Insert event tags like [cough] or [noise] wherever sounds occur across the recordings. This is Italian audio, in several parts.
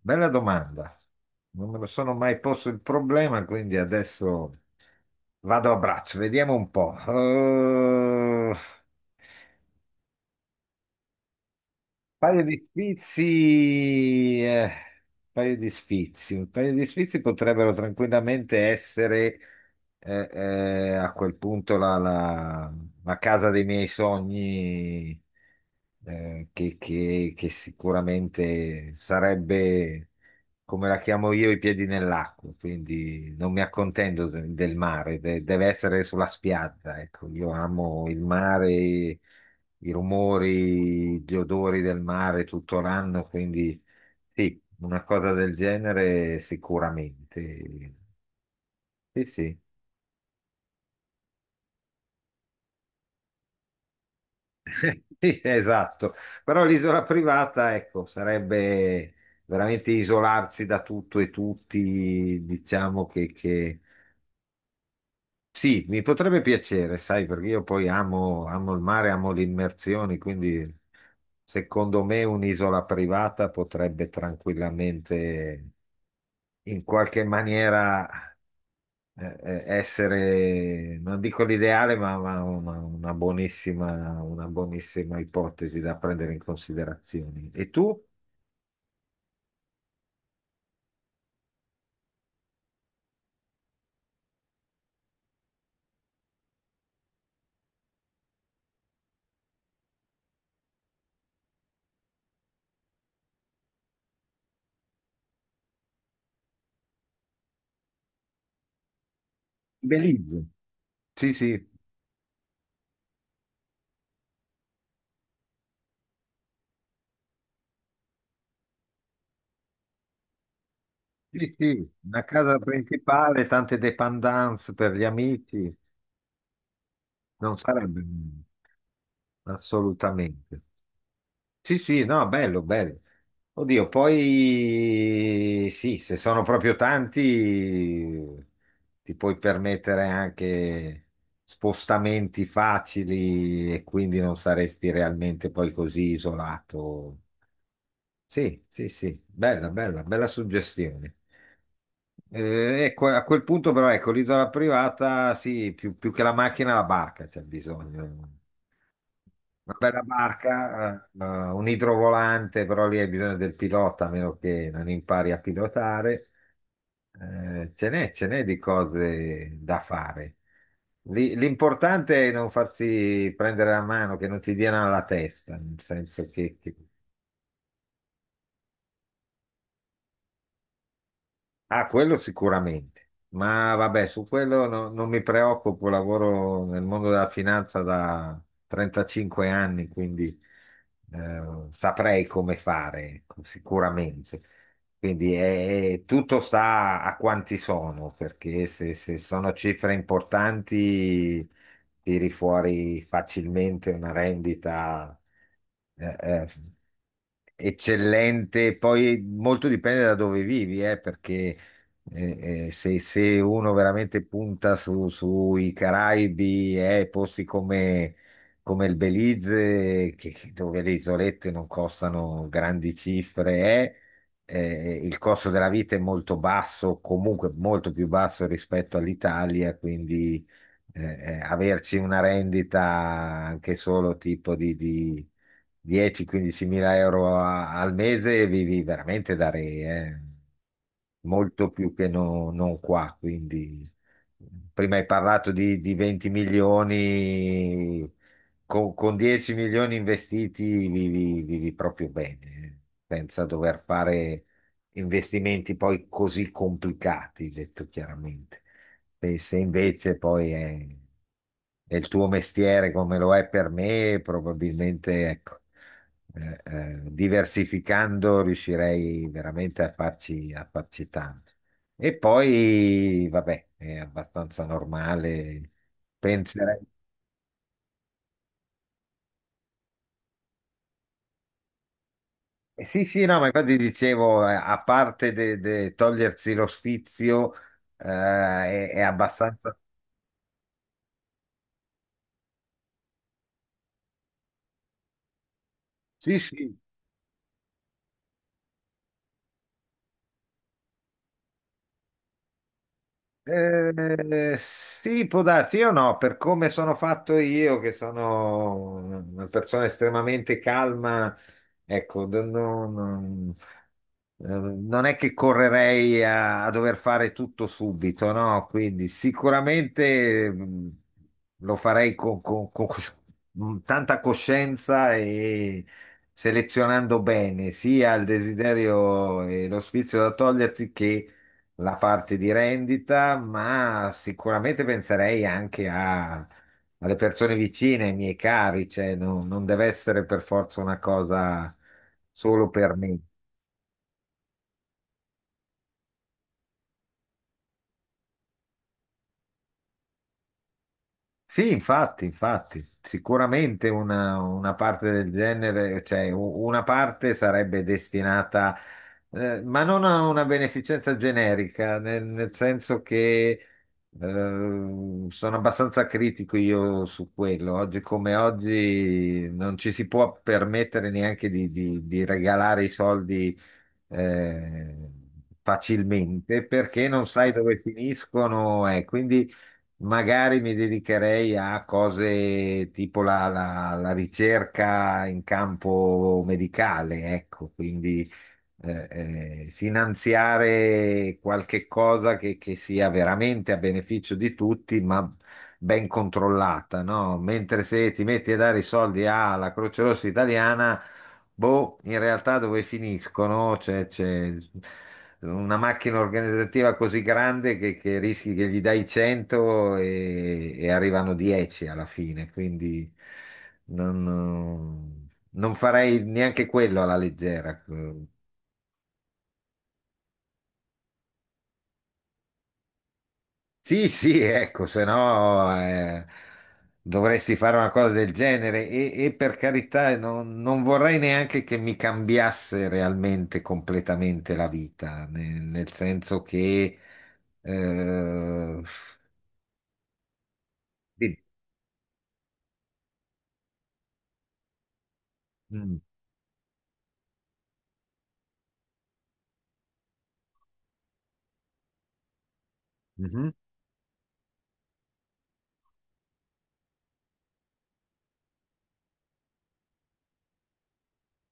Bella domanda. Non me lo sono mai posto il problema, quindi adesso vado a braccio, vediamo un po'. Paio di sfizi, un paio di sfizi potrebbero tranquillamente essere, a quel punto la casa dei miei sogni, che sicuramente sarebbe, come la chiamo io, i piedi nell'acqua, quindi non mi accontento del mare, deve essere sulla spiaggia, ecco, io amo il mare, i rumori, gli odori del mare tutto l'anno, quindi sì, una cosa del genere sicuramente. Sì, sì. Sì, esatto. Però l'isola privata, ecco, sarebbe veramente isolarsi da tutto e tutti, diciamo che. Sì, mi potrebbe piacere, sai, perché io poi amo, amo il mare, amo le immersioni, quindi secondo me un'isola privata potrebbe tranquillamente in qualche maniera essere, non dico l'ideale, ma una buonissima ipotesi da prendere in considerazione. E tu? Belize. Sì, sì, sì, sì, una casa principale, tante dépendance per gli amici, non sarebbe male, assolutamente. Sì, sì, no, bello, bello. Oddio, poi sì, se sono proprio tanti, ti puoi permettere anche spostamenti facili e quindi non saresti realmente poi così isolato. Sì, sì, sì, bella, bella, bella suggestione. Ecco, a quel punto però, ecco, l'isola privata, sì, più, più che la macchina, la barca c'è bisogno. Una bella barca, un idrovolante, però lì hai bisogno del pilota, a meno che non impari a pilotare. Ce n'è di cose da fare. L'importante è non farsi prendere la mano, che non ti diano alla testa, nel senso che. Ah, quello sicuramente, ma vabbè, su quello non mi preoccupo, lavoro nel mondo della finanza da 35 anni, quindi saprei come fare, ecco, sicuramente. Quindi tutto sta a quanti sono, perché se, se sono cifre importanti tiri fuori facilmente una rendita. eh, eh, Eccellente, poi molto dipende da dove vivi, perché se, se uno veramente punta sui Caraibi, posti come, come il Belize, dove le isolette non costano grandi cifre, il costo della vita è molto basso, comunque molto più basso rispetto all'Italia, quindi eh, averci una rendita anche solo tipo di 10-15 mila euro al mese vivi veramente da re, eh. Molto più che non qua. Quindi, prima hai parlato di 20 milioni, con 10 milioni investiti vivi, vivi proprio bene, eh. Senza dover fare investimenti poi così complicati, detto chiaramente. Se, se invece poi è il tuo mestiere come lo è per me, probabilmente ecco, diversificando riuscirei veramente a farci tanto. E poi, vabbè, è abbastanza normale, penserei. Sì, sì, no, ma infatti dicevo, a parte de togliersi lo sfizio, è abbastanza... Sì, sì. Sì, può darsi, io no, per come sono fatto io, che sono una persona estremamente calma, ecco, non, non è che correrei a, a dover fare tutto subito, no? Quindi sicuramente lo farei con, con tanta coscienza e selezionando bene sia il desiderio e lo sfizio da togliersi che la parte di rendita, ma sicuramente penserei anche alle persone vicine, ai miei cari, cioè non, non deve essere per forza una cosa solo per me. Sì, infatti, infatti, sicuramente una parte del genere, cioè una parte sarebbe destinata, ma non a una beneficenza generica, nel, nel senso che sono abbastanza critico io su quello. Oggi come oggi non ci si può permettere neanche di, di regalare i soldi, eh, facilmente perché non sai dove finiscono, quindi magari mi dedicherei a cose tipo la, la ricerca in campo medicale, ecco, quindi eh, finanziare qualche cosa che sia veramente a beneficio di tutti, ma ben controllata, no? Mentre se ti metti a dare i soldi alla Croce Rossa Italiana, boh, in realtà dove finiscono? C'è una macchina organizzativa così grande che rischi che gli dai 100 e arrivano 10 alla fine, quindi non, non farei neanche quello alla leggera. Sì, sì, ecco, se no dovresti fare una cosa del genere e per carità non, non vorrei neanche che mi cambiasse realmente completamente la vita, nel senso che... eh, sì, mm, mhm.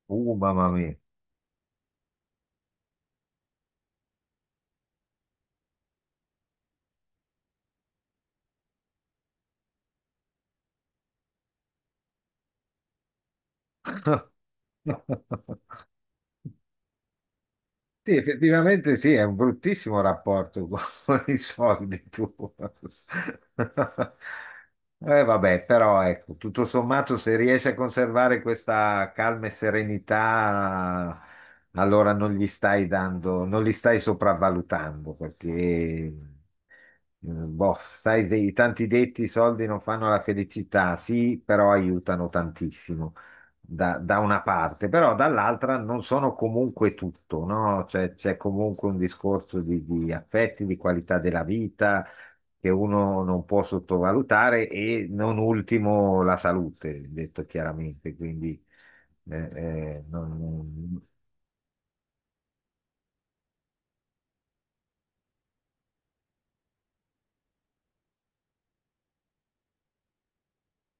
Mamma mia. [laughs] Sì, effettivamente sì, è un bruttissimo rapporto con [laughs] con i soldi tu. [laughs] Vabbè, però ecco, tutto sommato se riesci a conservare questa calma e serenità, allora non gli stai dando, non li stai sopravvalutando perché, boh, sai, dei tanti detti, i soldi non fanno la felicità, sì, però aiutano tantissimo da, da una parte, però dall'altra non sono comunque tutto, no? Cioè, c'è comunque un discorso di affetti, di qualità della vita che uno non può sottovalutare e non ultimo la salute, detto chiaramente, quindi non-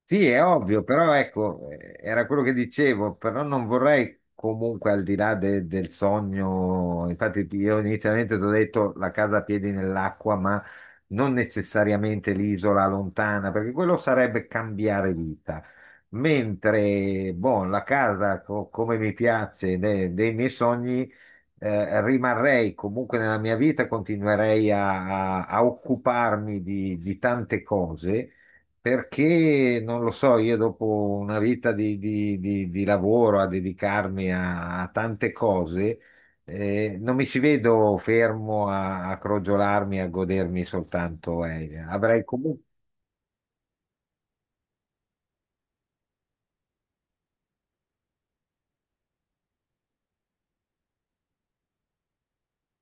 Sì, è ovvio, però ecco, era quello che dicevo, però non vorrei comunque al di là del sogno, infatti io inizialmente ti ho detto la casa a piedi nell'acqua, ma non necessariamente l'isola lontana, perché quello sarebbe cambiare vita. Mentre, boh, la casa come mi piace, dei miei sogni, rimarrei comunque nella mia vita, continuerei a, a occuparmi di tante cose perché non lo so, io dopo una vita di, di lavoro a dedicarmi a, a tante cose, non mi ci vedo fermo a, a crogiolarmi, a godermi soltanto Elia. Avrei comunque...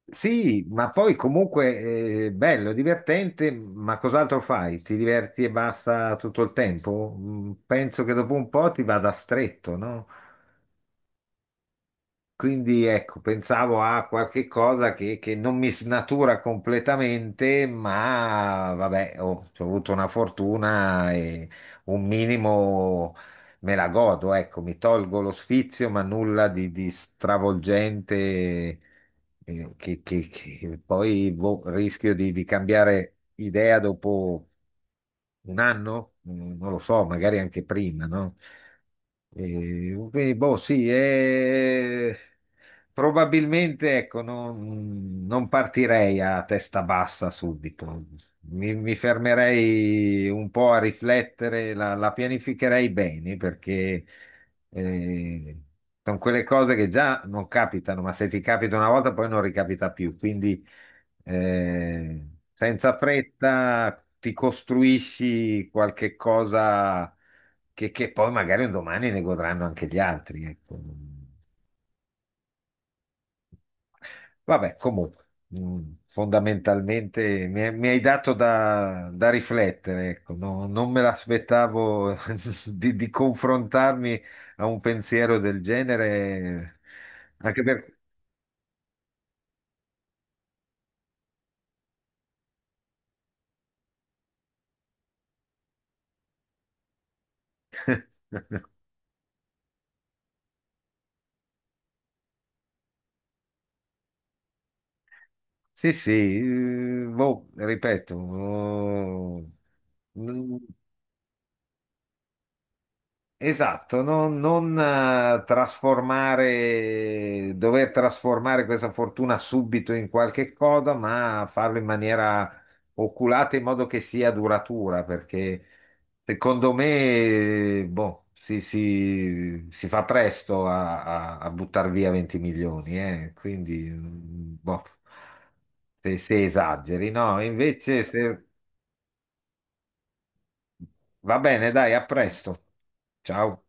Sì, ma poi comunque bello, divertente, ma cos'altro fai? Ti diverti e basta tutto il tempo? Mm, penso che dopo un po' ti vada stretto, no? Quindi ecco, pensavo a qualche cosa che non mi snatura completamente, ma vabbè, oh, ho avuto una fortuna e un minimo me la godo, ecco, mi tolgo lo sfizio, ma nulla di stravolgente, che, che poi boh, rischio di cambiare idea dopo un anno. Mm, non lo so, magari anche prima, no? E, quindi, boh, sì, probabilmente, ecco, non, non partirei a testa bassa subito. Mi fermerei un po' a riflettere, la, la pianificherei bene perché eh, sono quelle cose che già non capitano, ma se ti capita una volta poi non ricapita più. Quindi eh, senza fretta ti costruisci qualche cosa che poi magari un domani ne godranno anche gli altri, ecco. Vabbè, comunque, mm, fondamentalmente mi hai dato da, da riflettere, ecco. Non me l'aspettavo [laughs] di confrontarmi a un pensiero del genere, anche perché... [laughs] Sì, sì, boh, ripeto, oh, n- Esatto, non, non, trasformare, dover trasformare questa fortuna subito in qualche cosa, ma farlo in maniera oculata in modo che sia duratura, perché secondo me, boh, si, si fa presto a, a, buttare via 20 milioni, eh. Quindi, mm, boh, se se esageri, no? Invece, se... va bene, dai, a presto. Ciao.